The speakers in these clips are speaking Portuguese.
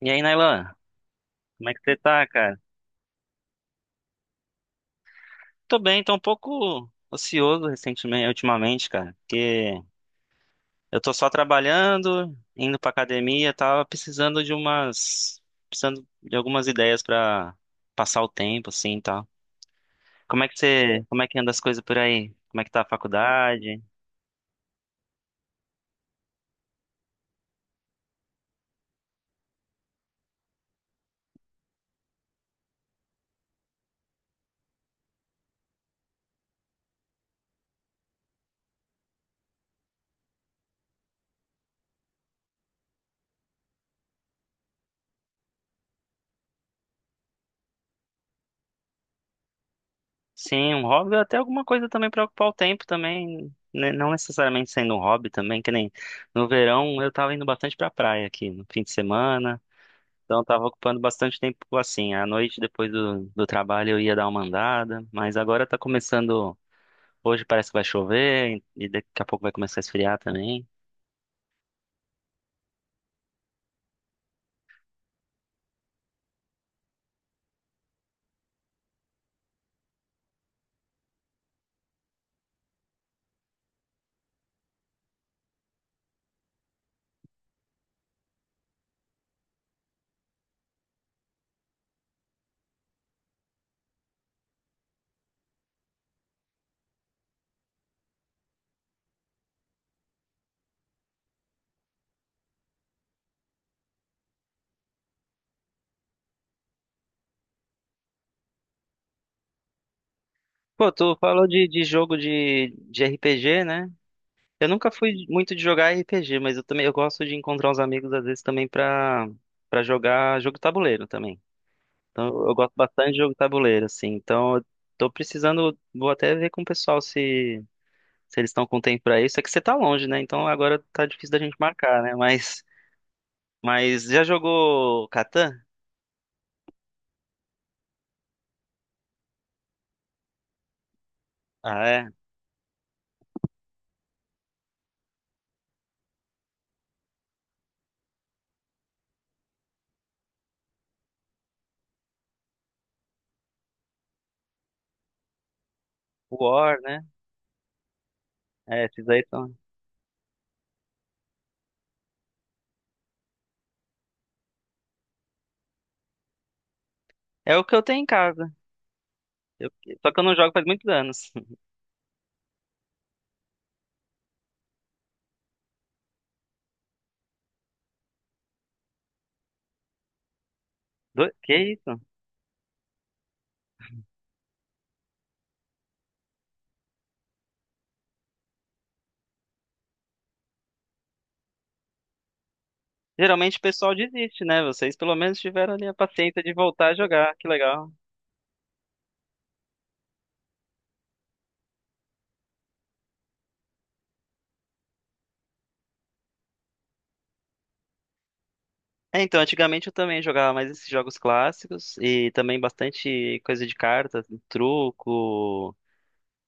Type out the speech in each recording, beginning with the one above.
E aí, Nailan, como é que você tá, cara? Tô bem, tô um pouco ocioso recentemente, ultimamente, cara, porque eu tô só trabalhando, indo pra academia, tava precisando de algumas ideias pra passar o tempo, assim, e tal. Como é que anda as coisas por aí? Como é que tá a faculdade? Sim, um hobby, até alguma coisa também pra ocupar o tempo também, né, não necessariamente sendo um hobby também, que nem no verão eu tava indo bastante pra praia aqui, no fim de semana. Então, eu estava ocupando bastante tempo assim. À noite, depois do trabalho, eu ia dar uma andada, mas agora tá começando. Hoje parece que vai chover e daqui a pouco vai começar a esfriar também. Pô, tu falou de jogo de RPG, né? Eu nunca fui muito de jogar RPG, mas eu também eu gosto de encontrar os amigos às vezes também pra jogar jogo tabuleiro também. Então, eu gosto bastante de jogo tabuleiro, assim. Então, eu tô precisando, vou até ver com o pessoal se eles estão com tempo pra isso, é que você tá longe, né? Então agora tá difícil da gente marcar, né? Mas já jogou Catan? Ah, é. War, né? É, esses aí são. É o que eu tenho em casa. Eu- Só que eu não jogo faz muitos anos. Do... Que isso? Geralmente o pessoal desiste, né? Vocês pelo menos tiveram ali a paciência de voltar a jogar. Que legal. É, então, antigamente eu também jogava mais esses jogos clássicos e também bastante coisa de cartas, truco.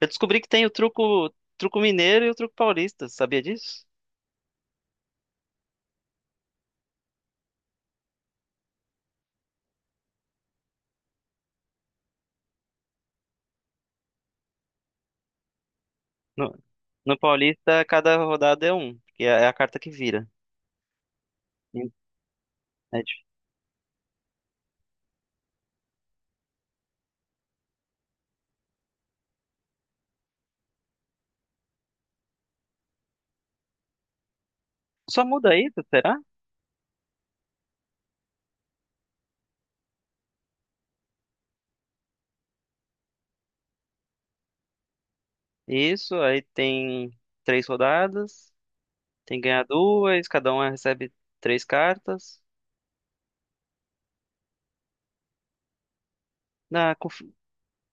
Eu descobri que tem o truco, truco mineiro e o truco paulista, sabia disso? No, no Paulista, cada rodada é um, que é a carta que vira. Sim. É dif- Só muda isso, será? Isso, aí tem três rodadas, tem que ganhar duas, cada um recebe três cartas. Na com, fi-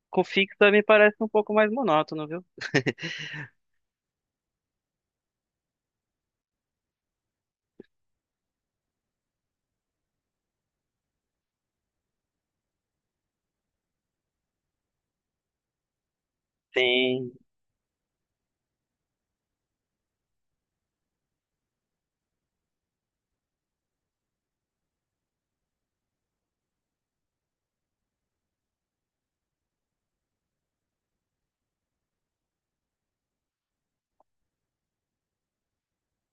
com fixa me parece um pouco mais monótono, viu? Tem.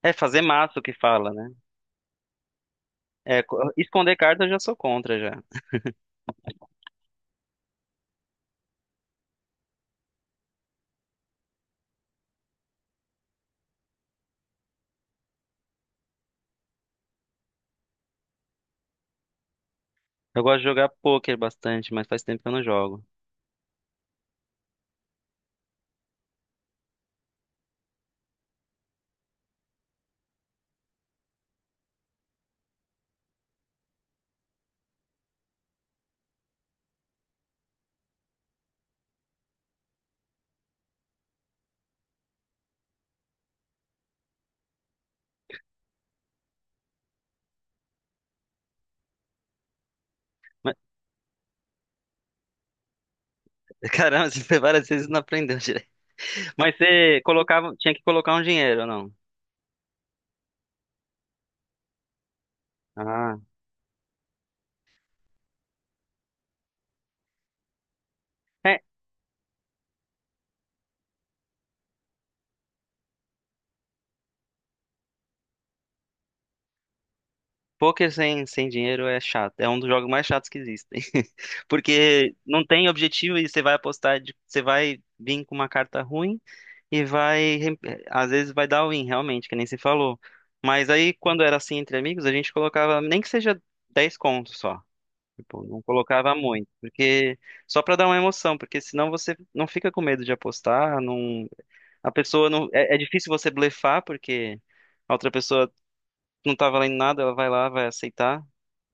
É fazer maço que fala, né? Esconder carta eu já sou contra já. Eu gosto de jogar pôquer bastante, mas faz tempo que eu não jogo. Mas, caramba, você várias vezes não aprendeu direito. Mas você colocava, tinha que colocar um dinheiro, ou não? Ah. É, poker sem dinheiro é chato. É um dos jogos mais chatos que existem. Porque não tem objetivo e você vai apostar, você vai vir com uma carta ruim e vai. Às vezes vai dar win, realmente, que nem se falou. Mas aí, quando era assim entre amigos, a gente colocava nem que seja 10 contos só. Tipo, não colocava muito. Porque só pra dar uma emoção, porque senão você não fica com medo de apostar. Não... A pessoa não. É, difícil você blefar, porque a outra pessoa não tá valendo nada, ela vai lá, vai aceitar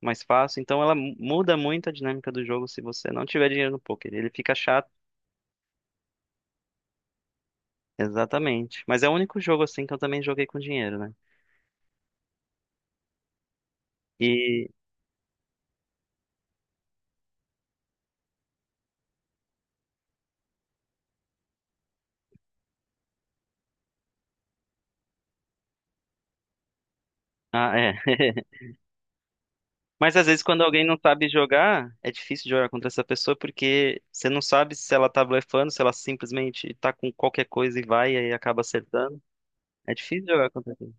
mais fácil. Então ela muda muito a dinâmica do jogo se você não tiver dinheiro no poker. Ele fica chato. Exatamente. Mas é o único jogo assim que eu também joguei com dinheiro, né? E ah, é. Mas às vezes quando alguém não sabe jogar, é difícil jogar contra essa pessoa porque você não sabe se ela tá blefando, se ela simplesmente tá com qualquer coisa e vai e aí acaba acertando. É difícil jogar contra ele.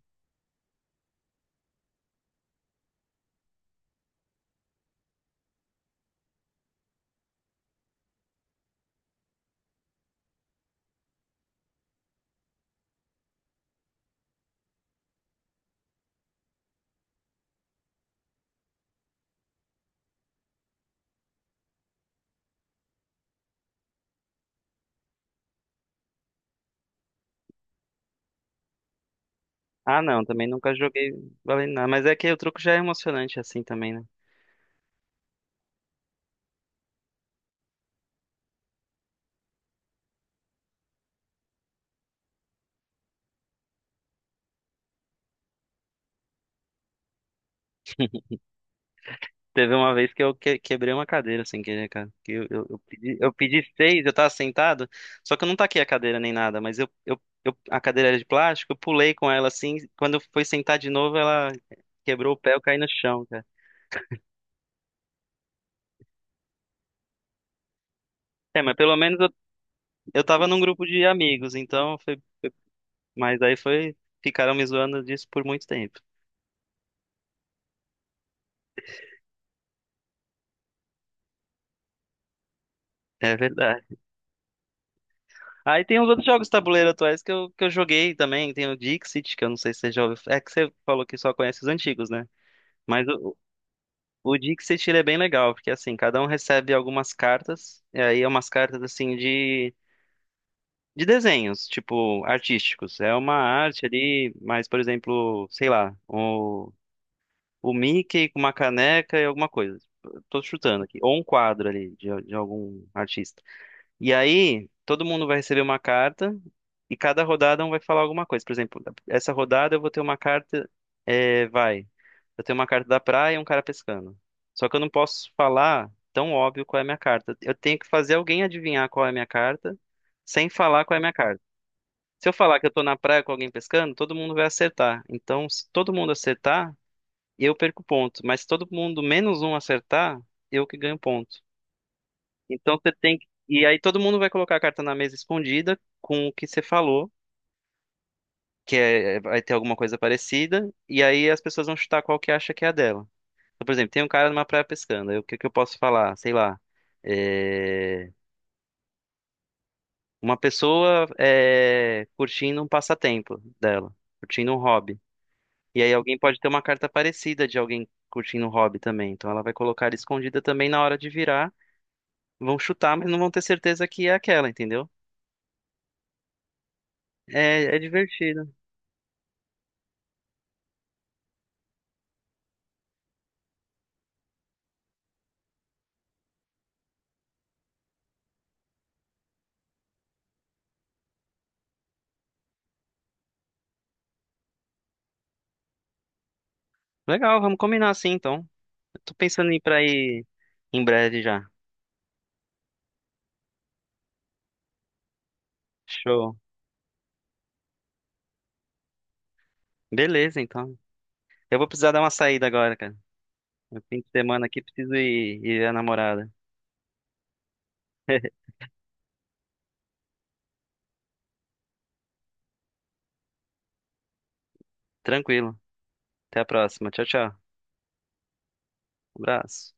Ah, não, também nunca joguei valendo nada, mas é que o truco já é emocionante assim também, né? Teve uma vez que quebrei uma cadeira sem querer, cara. Que eu pedi seis, eu tava sentado, só que eu não taquei a cadeira nem nada, mas a cadeira era de plástico, eu pulei com ela assim. Quando eu fui sentar de novo, ela quebrou o pé, eu caí no chão, cara. É, mas pelo menos eu tava num grupo de amigos, então foi. Mas aí foi. Ficaram me zoando disso por muito tempo. É verdade. Aí tem os outros jogos de tabuleiro atuais que eu joguei também. Tem o Dixit, que eu não sei se você já ouviu. É que você falou que só conhece os antigos, né? Mas o, o dia que você tira é bem legal, porque assim, cada um recebe algumas cartas, e aí é umas cartas assim de desenhos, tipo, artísticos. É uma arte ali, mas, por exemplo, sei lá, o Mickey com uma caneca e alguma coisa. Tô chutando aqui. Ou um quadro ali de algum artista. E aí, todo mundo vai receber uma carta e cada rodada um vai falar alguma coisa. Por exemplo, essa rodada eu vou ter uma carta, é, vai. Eu tenho uma carta da praia e um cara pescando. Só que eu não posso falar tão óbvio qual é a minha carta. Eu tenho que fazer alguém adivinhar qual é a minha carta sem falar qual é a minha carta. Se eu falar que eu tô na praia com alguém pescando, todo mundo vai acertar. Então, se todo mundo acertar, eu perco ponto. Mas se todo mundo menos um acertar, eu que ganho ponto. Então você tem que. E aí todo mundo vai colocar a carta na mesa escondida com o que você falou, vai ter alguma coisa parecida, e aí as pessoas vão chutar qual que acha que é a dela. Então, por exemplo, tem um cara numa praia pescando, aí o que que eu posso falar? Sei lá. é, Uma pessoa curtindo um passatempo dela, curtindo um hobby. E aí alguém pode ter uma carta parecida de alguém curtindo um hobby também. Então ela vai colocar escondida também na hora de virar. Vão chutar, mas não vão ter certeza que é aquela, entendeu? É, é divertido. Legal, vamos combinar assim então. Eu tô pensando em ir em breve já. Show. Beleza, então. Eu vou precisar dar uma saída agora, cara. No fim de semana aqui preciso ir ver a namorada. Tranquilo. Até a próxima. Tchau, tchau. Abraço.